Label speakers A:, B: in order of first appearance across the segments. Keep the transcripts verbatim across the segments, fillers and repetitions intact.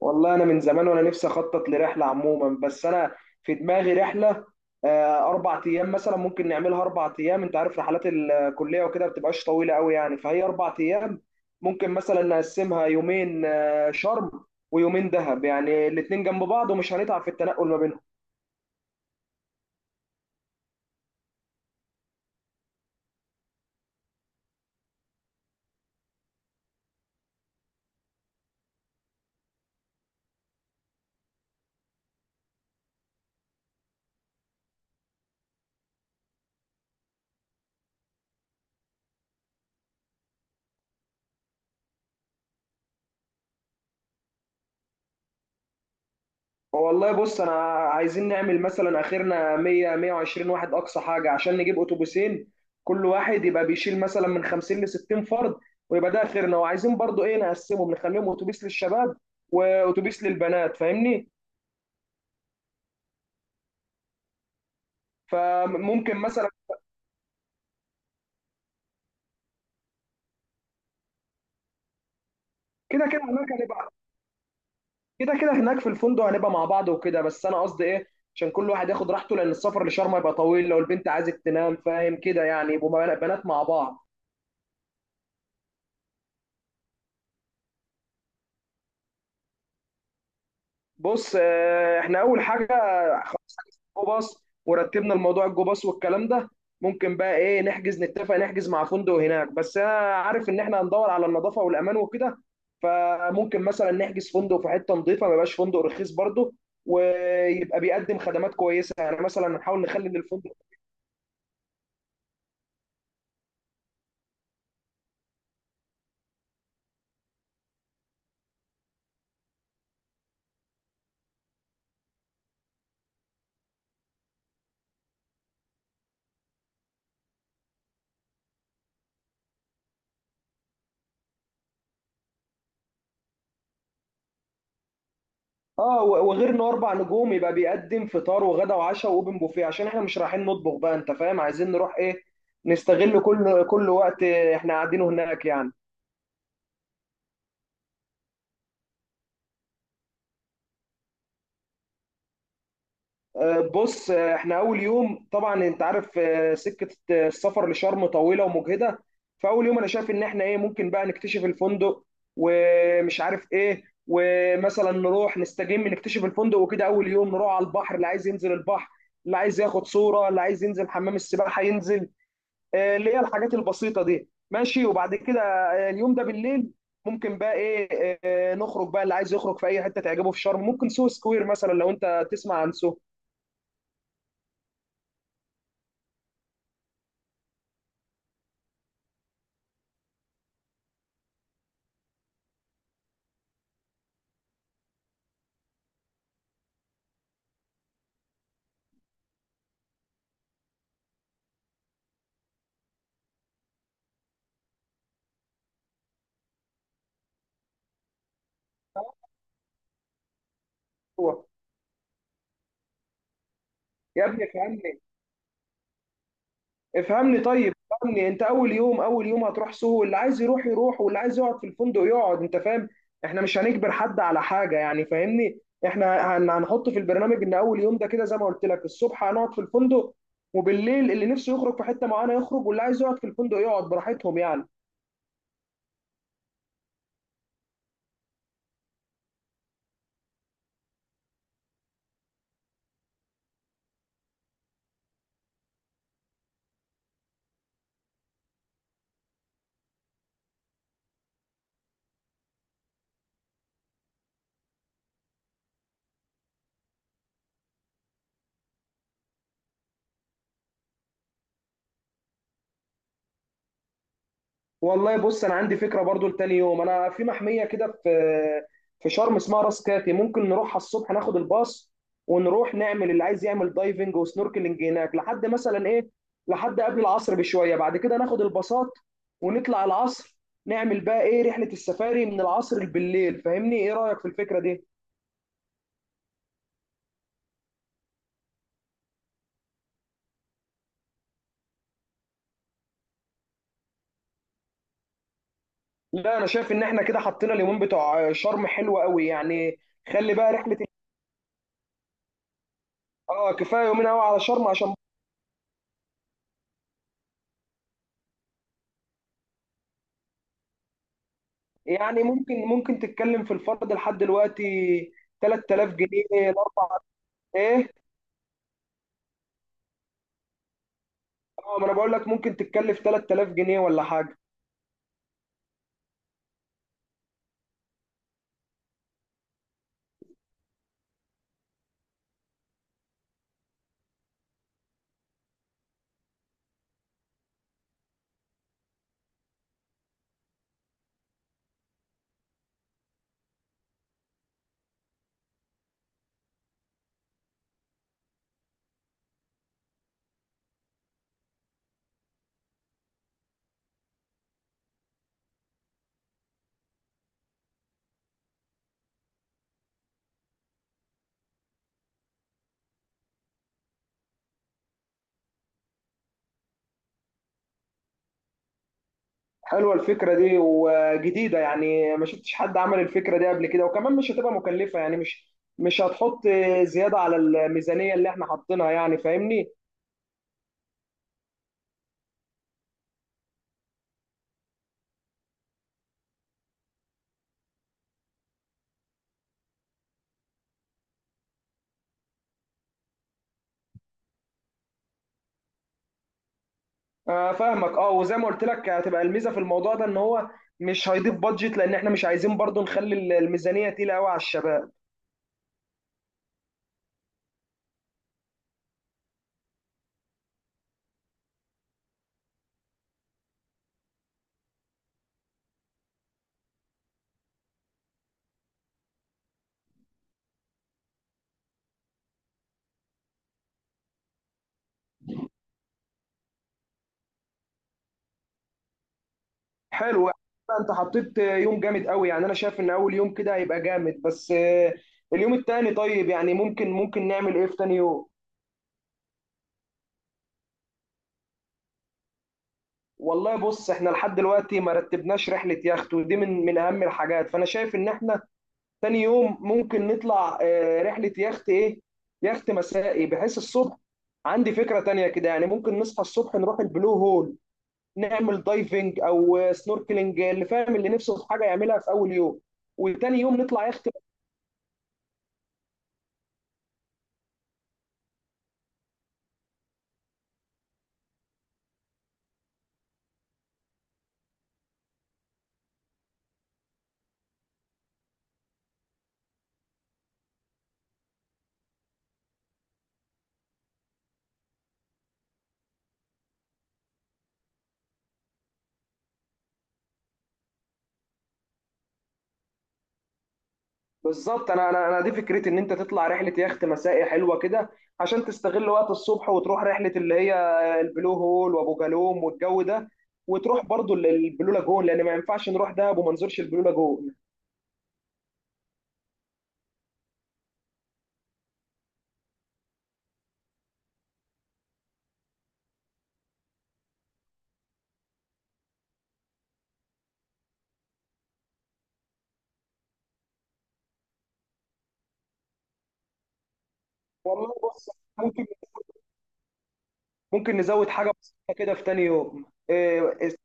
A: والله انا من زمان وانا نفسي اخطط لرحله عموما بس انا في دماغي رحله. آه، اربع ايام مثلا ممكن نعملها اربع ايام. انت عارف رحلات الكليه وكده بتبقاش طويله قوي، يعني فهي اربع ايام ممكن مثلا نقسمها يومين آه، شرم ويومين دهب، يعني الاتنين جنب بعض ومش هنتعب في التنقل ما بينهم. والله بص انا عايزين نعمل مثلا اخرنا مية مية وعشرين واحد اقصى حاجه عشان نجيب اتوبيسين، كل واحد يبقى بيشيل مثلا من خمسين ل ستين فرد، ويبقى ده اخرنا. وعايزين برضو ايه، نقسمهم نخليهم اتوبيس للشباب واتوبيس للبنات، فاهمني؟ فممكن مثلا كده كده هناك هنبقى. كده كده هناك في الفندق هنبقى مع بعض وكده، بس انا قصدي ايه، عشان كل واحد ياخد راحته، لان السفر لشرم هيبقى طويل، لو البنت عايزه تنام فاهم كده، يعني يبقوا بنات مع بعض. بص آه، احنا اول حاجه خلاص حجزنا الجو باص ورتبنا الموضوع الجو باص والكلام ده. ممكن بقى ايه، نحجز نتفق نحجز مع فندق هناك، بس انا عارف ان احنا هندور على النظافه والامان وكده. فممكن مثلا نحجز فندق في حته نظيفه، ما يبقاش فندق رخيص برضه، ويبقى بيقدم خدمات كويسه. يعني مثلا نحاول نخلي ان الفندق اه و- وغير انه اربع نجوم يبقى بيقدم فطار وغدا وعشاء واوبن بوفيه، عشان احنا مش رايحين نطبخ بقى انت فاهم. عايزين نروح ايه، نستغل كل كل وقت احنا قاعدينه هناك يعني. آه، بص آه، احنا اول يوم طبعا انت عارف، آه، سكه آه، السفر لشرم طويله ومجهده. فاول يوم انا شايف ان احنا ايه، ممكن بقى نكتشف الفندق ومش عارف ايه، ومثلا نروح نستجم نكتشف الفندق وكده. اول يوم نروح على البحر، اللي عايز ينزل البحر، اللي عايز ياخد صوره، اللي عايز ينزل حمام السباحه ينزل، آه، اللي هي الحاجات البسيطه دي ماشي. وبعد كده آه، اليوم ده بالليل ممكن بقى ايه، آه، نخرج بقى اللي عايز يخرج في اي حته تعجبه في شرم. ممكن سو سكوير مثلا، لو انت تسمع عن سو هو. يا ابني افهمني، افهمني طيب افهمني، انت اول يوم، اول يوم هتروح سوهو، اللي عايز يروح يروح واللي عايز يقعد في الفندق يقعد، انت فاهم. احنا مش هنجبر حد على حاجه يعني، فاهمني. احنا هن- هنحط في البرنامج ان اول يوم ده كده زي ما قلت لك الصبح هنقعد في الفندق، وبالليل اللي نفسه يخرج في حته معينه يخرج، واللي عايز يقعد في الفندق يقعد براحتهم يعني. والله بص انا عندي فكره برضو لتاني يوم. انا في محميه كده في في شرم اسمها راس كاتي، ممكن نروحها الصبح ناخد الباص، ونروح نعمل اللي عايز يعمل دايفنج وسنوركلينج هناك لحد مثلا ايه، لحد قبل العصر بشويه. بعد كده ناخد الباصات ونطلع العصر، نعمل بقى ايه، رحله السفاري من العصر بالليل. فاهمني، ايه رايك في الفكره دي؟ لا انا شايف ان احنا كده حطينا اليومين بتوع شرم حلوة قوي يعني. خلي بقى رحله. اه كفايه يومين قوي على شرم عشان. يعني ممكن ممكن تتكلم في الفرد لحد دلوقتي تلات تلاف جنيه الاربع. ايه؟ اه، ما انا بقول لك ممكن تتكلف ثلاثة آلاف جنيه ولا حاجه. حلوه الفكره دي وجديده، يعني ما شفتش حد عمل الفكره دي قبل كده، وكمان مش هتبقى مكلفه، يعني مش مش هتحط زياده على الميزانيه اللي احنا حاطينها يعني، فاهمني. آه فاهمك. اه وزي ما قلت لك هتبقى الميزه في الموضوع ده ان هو مش هيضيف بادجت، لان احنا مش عايزين برضو نخلي الميزانيه تقيله قوي على الشباب. حلو. انت حطيت يوم جامد قوي، يعني انا شايف ان اول يوم كده هيبقى جامد. بس آه، اليوم التاني طيب، يعني ممكن ممكن نعمل ايه في تاني يوم؟ والله بص احنا لحد دلوقتي ما رتبناش رحلة يخت، ودي من من اهم الحاجات. فانا شايف ان احنا تاني يوم ممكن نطلع آه، رحلة يخت ايه، يخت مسائي بحيث الصبح. عندي فكرة تانية كده، يعني ممكن نصحى الصبح نروح البلو هول نعمل دايفنج او آه، سنوركلينج، اللي فاهم اللي نفسه في حاجة يعملها في اول يوم، وتاني يوم نطلع يخت. بالظبط. انا انا انا دي فكرتي، ان انت تطلع رحله يخت مسائي حلوه كده، عشان تستغل وقت الصبح وتروح رحله اللي هي البلو هول وابو جالوم والجو ده، وتروح برضو ال- البلو لاجون، لان ما ينفعش نروح دهب وما نزورش البلو لاجون. والله بص ممكن، ممكن نزود حاجه بسيطه كده في تاني يوم إيه، إيه،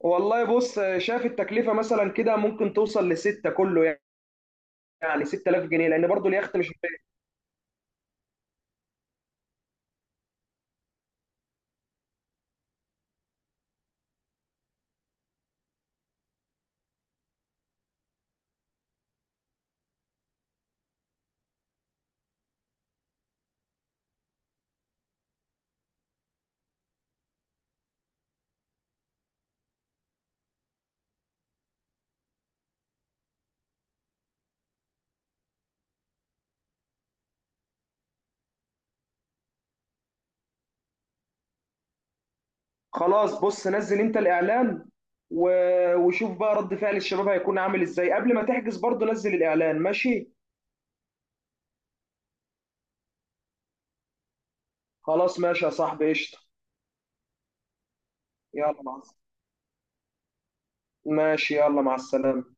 A: والله بص شايف التكلفه مثلا كده ممكن توصل لستة كله، يعني ستة آلاف جنيه، لان برضو اليخت مش. خلاص بص نزل انت الاعلان، و- وشوف بقى رد فعل الشباب هيكون عامل ازاي قبل ما تحجز. برضو نزل الاعلان ماشي. خلاص ماشي يا صاحبي، قشطة. يلا مع الس- ماشي يلا مع السلامة.